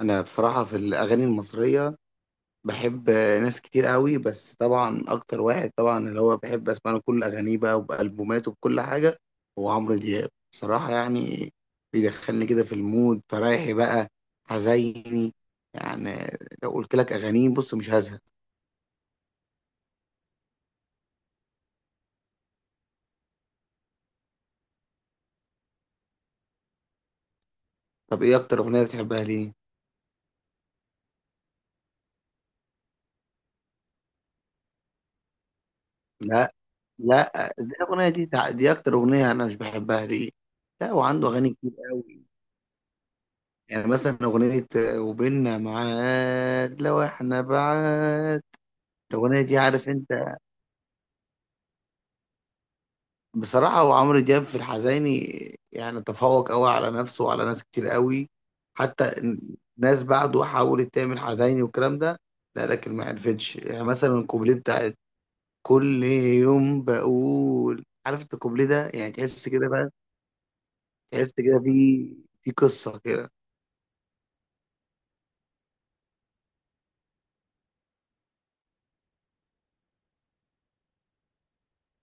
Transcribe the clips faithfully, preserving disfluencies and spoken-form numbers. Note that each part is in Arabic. انا بصراحه في الاغاني المصريه بحب ناس كتير قوي، بس طبعا اكتر واحد طبعا اللي هو بحب اسمع له كل اغانيه بقى وبالبوماته وبكل حاجه هو عمرو دياب بصراحه. يعني بيدخلني كده في المود، فرايحي بقى حزيني يعني لو قلت لك اغانيه بص مش هزهق. طب ايه اكتر اغنيه بتحبها؟ ليه؟ لا لا، دي الاغنيه دي تع- دي اكتر اغنيه انا مش بحبها. ليه؟ لا، وعنده اغاني كتير. يعني مثلا أغنية وبيننا معاد لو إحنا بعاد، الأغنية دي عارف أنت. بصراحة هو عمرو دياب في الحزيني يعني تفوق أوي على نفسه وعلى ناس كتير أوي. حتى ناس بعده حاولت تعمل حزيني والكلام ده، لا لكن ما عرفتش. يعني مثلا الكوبليه بتاعت كل يوم بقول، عارف أنت الكوبليه ده، يعني تحس كده بقى، تحس كده في في قصة كده.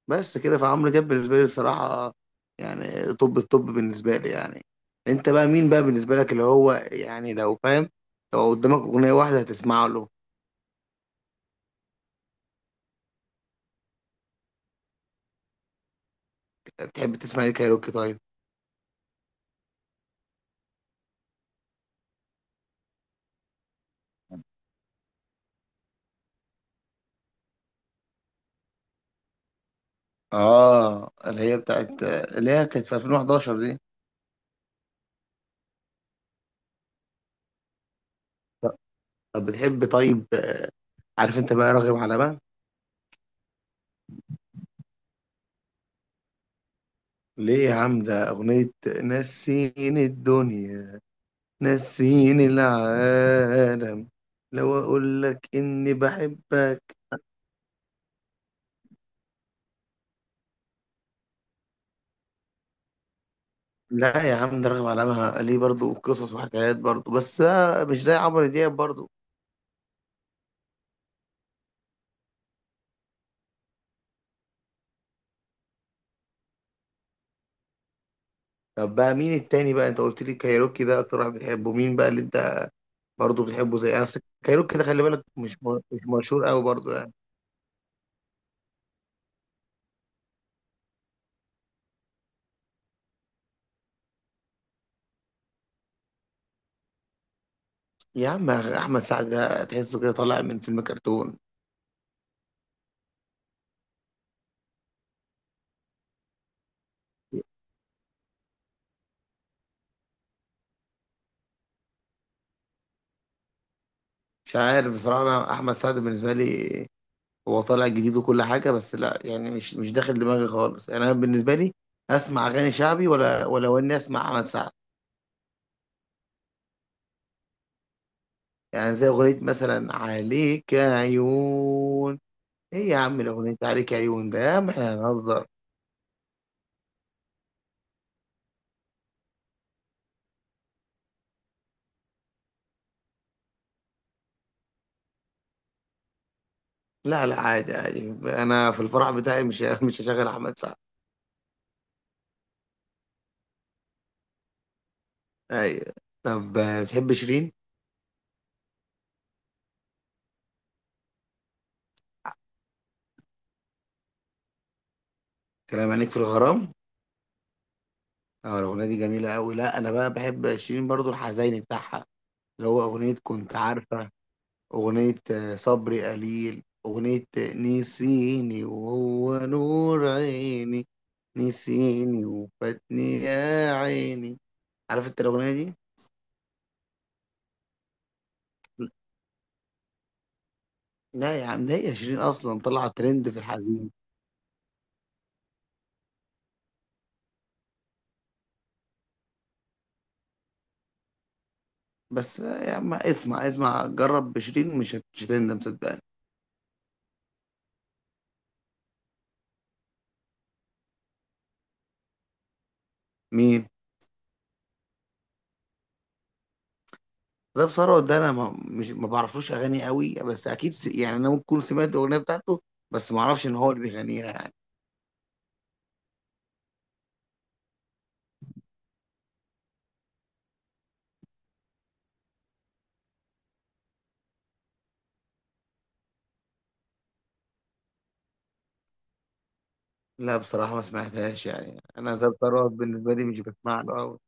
بس كده، فعمرو دياب بالنسبة لي بصراحة يعني طب الطب بالنسبة لي، يعني انت بقى مين بقى بالنسبة لك اللي هو، يعني لو فاهم، لو قدامك أغنية واحدة هتسمع له؟ بتحب تسمع ايه كايروكي طيب؟ اه، اللي هي بتاعت، اللي هي كانت في ألفين وحداشر دي. طب بتحب، طيب عارف انت بقى راغب على بقى؟ ليه يا عم؟ ده أغنية نسيني الدنيا، نسيني العالم، لو أقول لك إني بحبك. لا يا عم، ده رغم علامها ليه برضو قصص وحكايات برضو، بس بقى مش زي عمرو دياب برضو. طب بقى مين التاني بقى؟ انت قلت لي كايروكي، ده اكتر واحد بتحبه، مين بقى اللي انت برضو بتحبه زي انا؟ بس كايروكي ده خلي بالك مش م- مش مشهور قوي برضو يعني يا عم احمد سعد ده تحسه كده طالع من فيلم كرتون. مش عارف بصراحة، انا احمد سعد بالنسبة لي هو طالع جديد وكل حاجة، بس لا يعني مش مش داخل دماغي خالص. يعني انا بالنسبة لي اسمع اغاني شعبي ولا ولا اني اسمع احمد سعد. يعني زي أغنية مثلا عليك عيون، إيه يا عم الأغنية عليك عيون ده؟ يا عم إحنا هنهزر. لا لا، عادي عادي، أنا في الفرح بتاعي مش مش هشغل أحمد سعد. أيوة. طب آه، بتحب شيرين؟ كلام عينيك في الغرام؟ أه الأغنية دي جميلة أوي. لا أنا بقى بحب شيرين برضو الحزيني بتاعها، اللي هو أغنية كنت عارفة، أغنية آه، صبري قليل، أغنية آه، نسيني وهو نور عيني، نسيني وفاتني يا عيني. عارف انت الاغنيه دي؟ لا يا عم، ده هي شيرين اصلا طلعت ترند في الحزين. بس لا يا عم اسمع، اسمع جرب بشيرين، مش هت- مش هتندم صدقني. مين؟ ده ثروت ده انا ما مش ما بعرفلوش اغاني قوي، بس اكيد س- يعني انا ممكن أكون سمعت الاغنيه بتاعته، بس ما اعرفش ان هو اللي بيغنيها يعني لا بصراحه ما سمعتهاش. يعني انا زاب ثروت بالنسبه لي مش بسمع له قوي.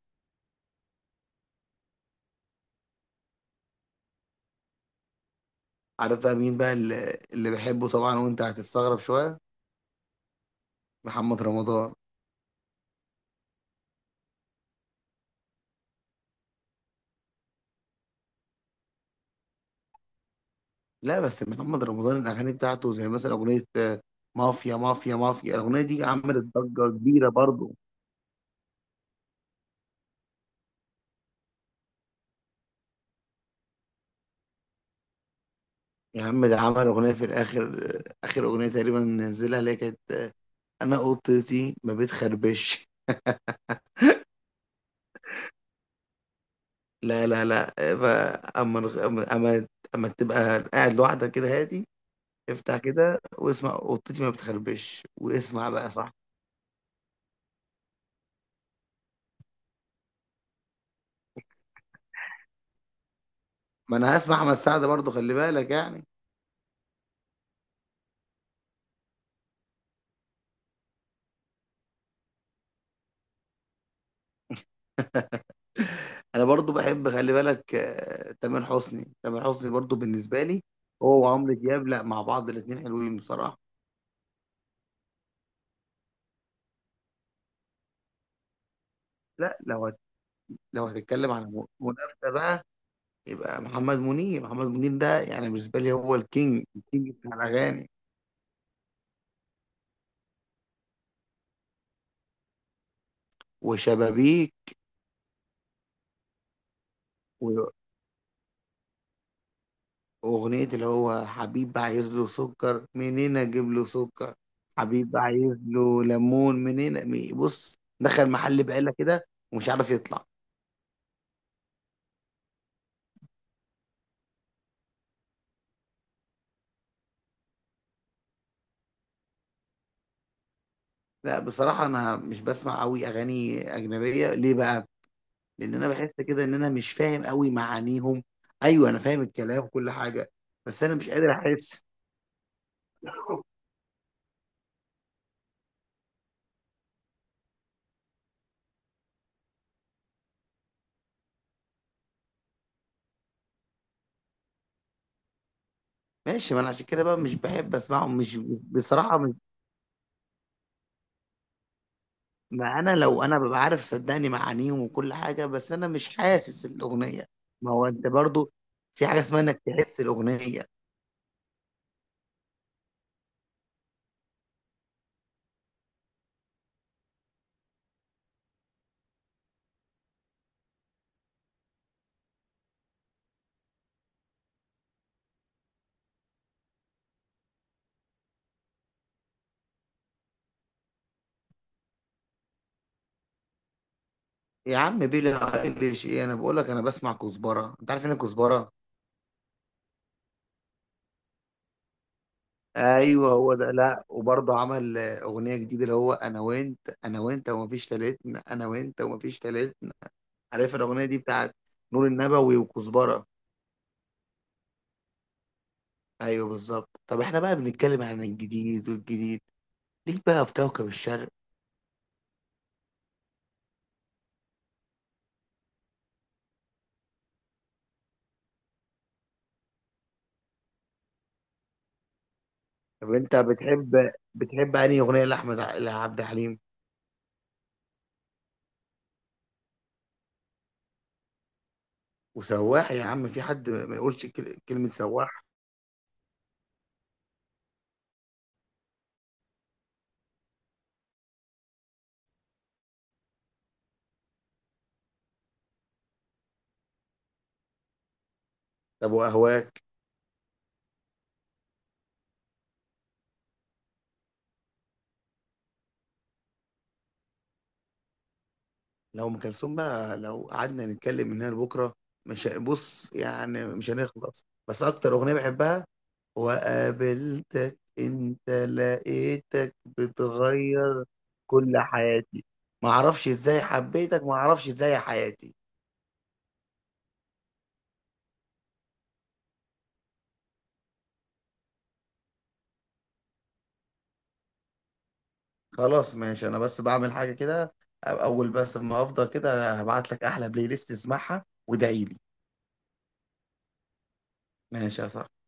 عارف بقى مين بقى اللي, اللي بحبه طبعا؟ وانت هتستغرب شويه، محمد رمضان. لا بس محمد رمضان الاغاني بتاعته زي مثلا اغنيه آه، مافيا مافيا مافيا، الاغنيه دي عملت ضجه كبيره برضه. يا عم ده عمل اغنيه في الاخر، آه، اخر اغنيه تقريبا نزلها اللي هي كانت آه، انا اوضتي ما بتخربش. لا لا لا، آه، ف- اما اما اما أما تبقى قاعد لوحدك كده هادي افتح كده واسمع اوضتي ما بتخربش واسمع بقى صح. ما انا هسمع احمد سعد برضه خلي بالك يعني انا برضو بحب خلي بالك آه، تامر حسني تامر حسني برضو بالنسبه لي، هو وعمرو دياب، لا مع بعض الاثنين حلوين بصراحه. لا لو هت... لو هتتكلم عن م- منافسه بقى، يبقى محمد منير محمد منير ده. يعني بالنسبه لي هو الكينج، الكينج بتاع الاغاني. وشبابيك، و- واغنيه اللي هو حبيب عايز له سكر منين اجيب له سكر، حبيب عايز له ليمون منين مي- بص دخل محل بقاله كده ومش عارف يطلع. لأ، بصراحة أنا مش باسمع أوي أغاني أجنبية، ليه بقى؟ لإن أنا باحس كده إن أنا مش فاهم أوي معانيهم. أيوه أنا فاهم الكلام وكل حاجة، بس أنا مش قادر أحس. ماشي، ما أنا عشان كده بقى مش باحب أسمعهم. مش بصراحة مش ما أنا لو أنا بابقى عارف صدّقني معانيهم وكل حاجة، بس أنا مش حاسس الأغنية. ما هو أنت برضه، في حاجة اسمها إنّك تحس الأغنية. يا عم billie eilish إيه، أنا باقول لك أنا باسمع كزبرة، أنت عارف يعني إيه كزبرة؟ ايوه هو ده. لا وبرضه عمل آه، اغنيه جديده اللي هو انا وانت انا وانت ومفيش تالتنا انا وانت ومفيش تالتنا. عارف الاغنيه دي بتاعت نور النبوي وكزبره؟ ايوه بالظبط. طب احنا بقى بنتكلم عن الجديد، والجديد ليك بقى في كوكب الشرق. طب انت بتحب بتحب انهي اغنيه لاحمد ع- لعبد الحليم؟ وسواح يا عم، في حد ما يقولش كل- كلمه سواح؟ طب واهواك؟ لو ام كلثوم بقى لو قعدنا نتكلم من هنا لبكره مش ه- بص يعني مش هنخلص، بس اكتر اغنيه بحبها، وقابلتك انت لقيتك بتغير كل حياتي، ما اعرفش ازاي حبيتك، ما اعرفش ازاي حياتي. خلاص ماشي، انا بس بعمل حاجه كده، أ- اول بس ما افضل كده هبعت لك احلى بلاي ليست، اسمعها وادعي لي. ماشي يا صاحبي.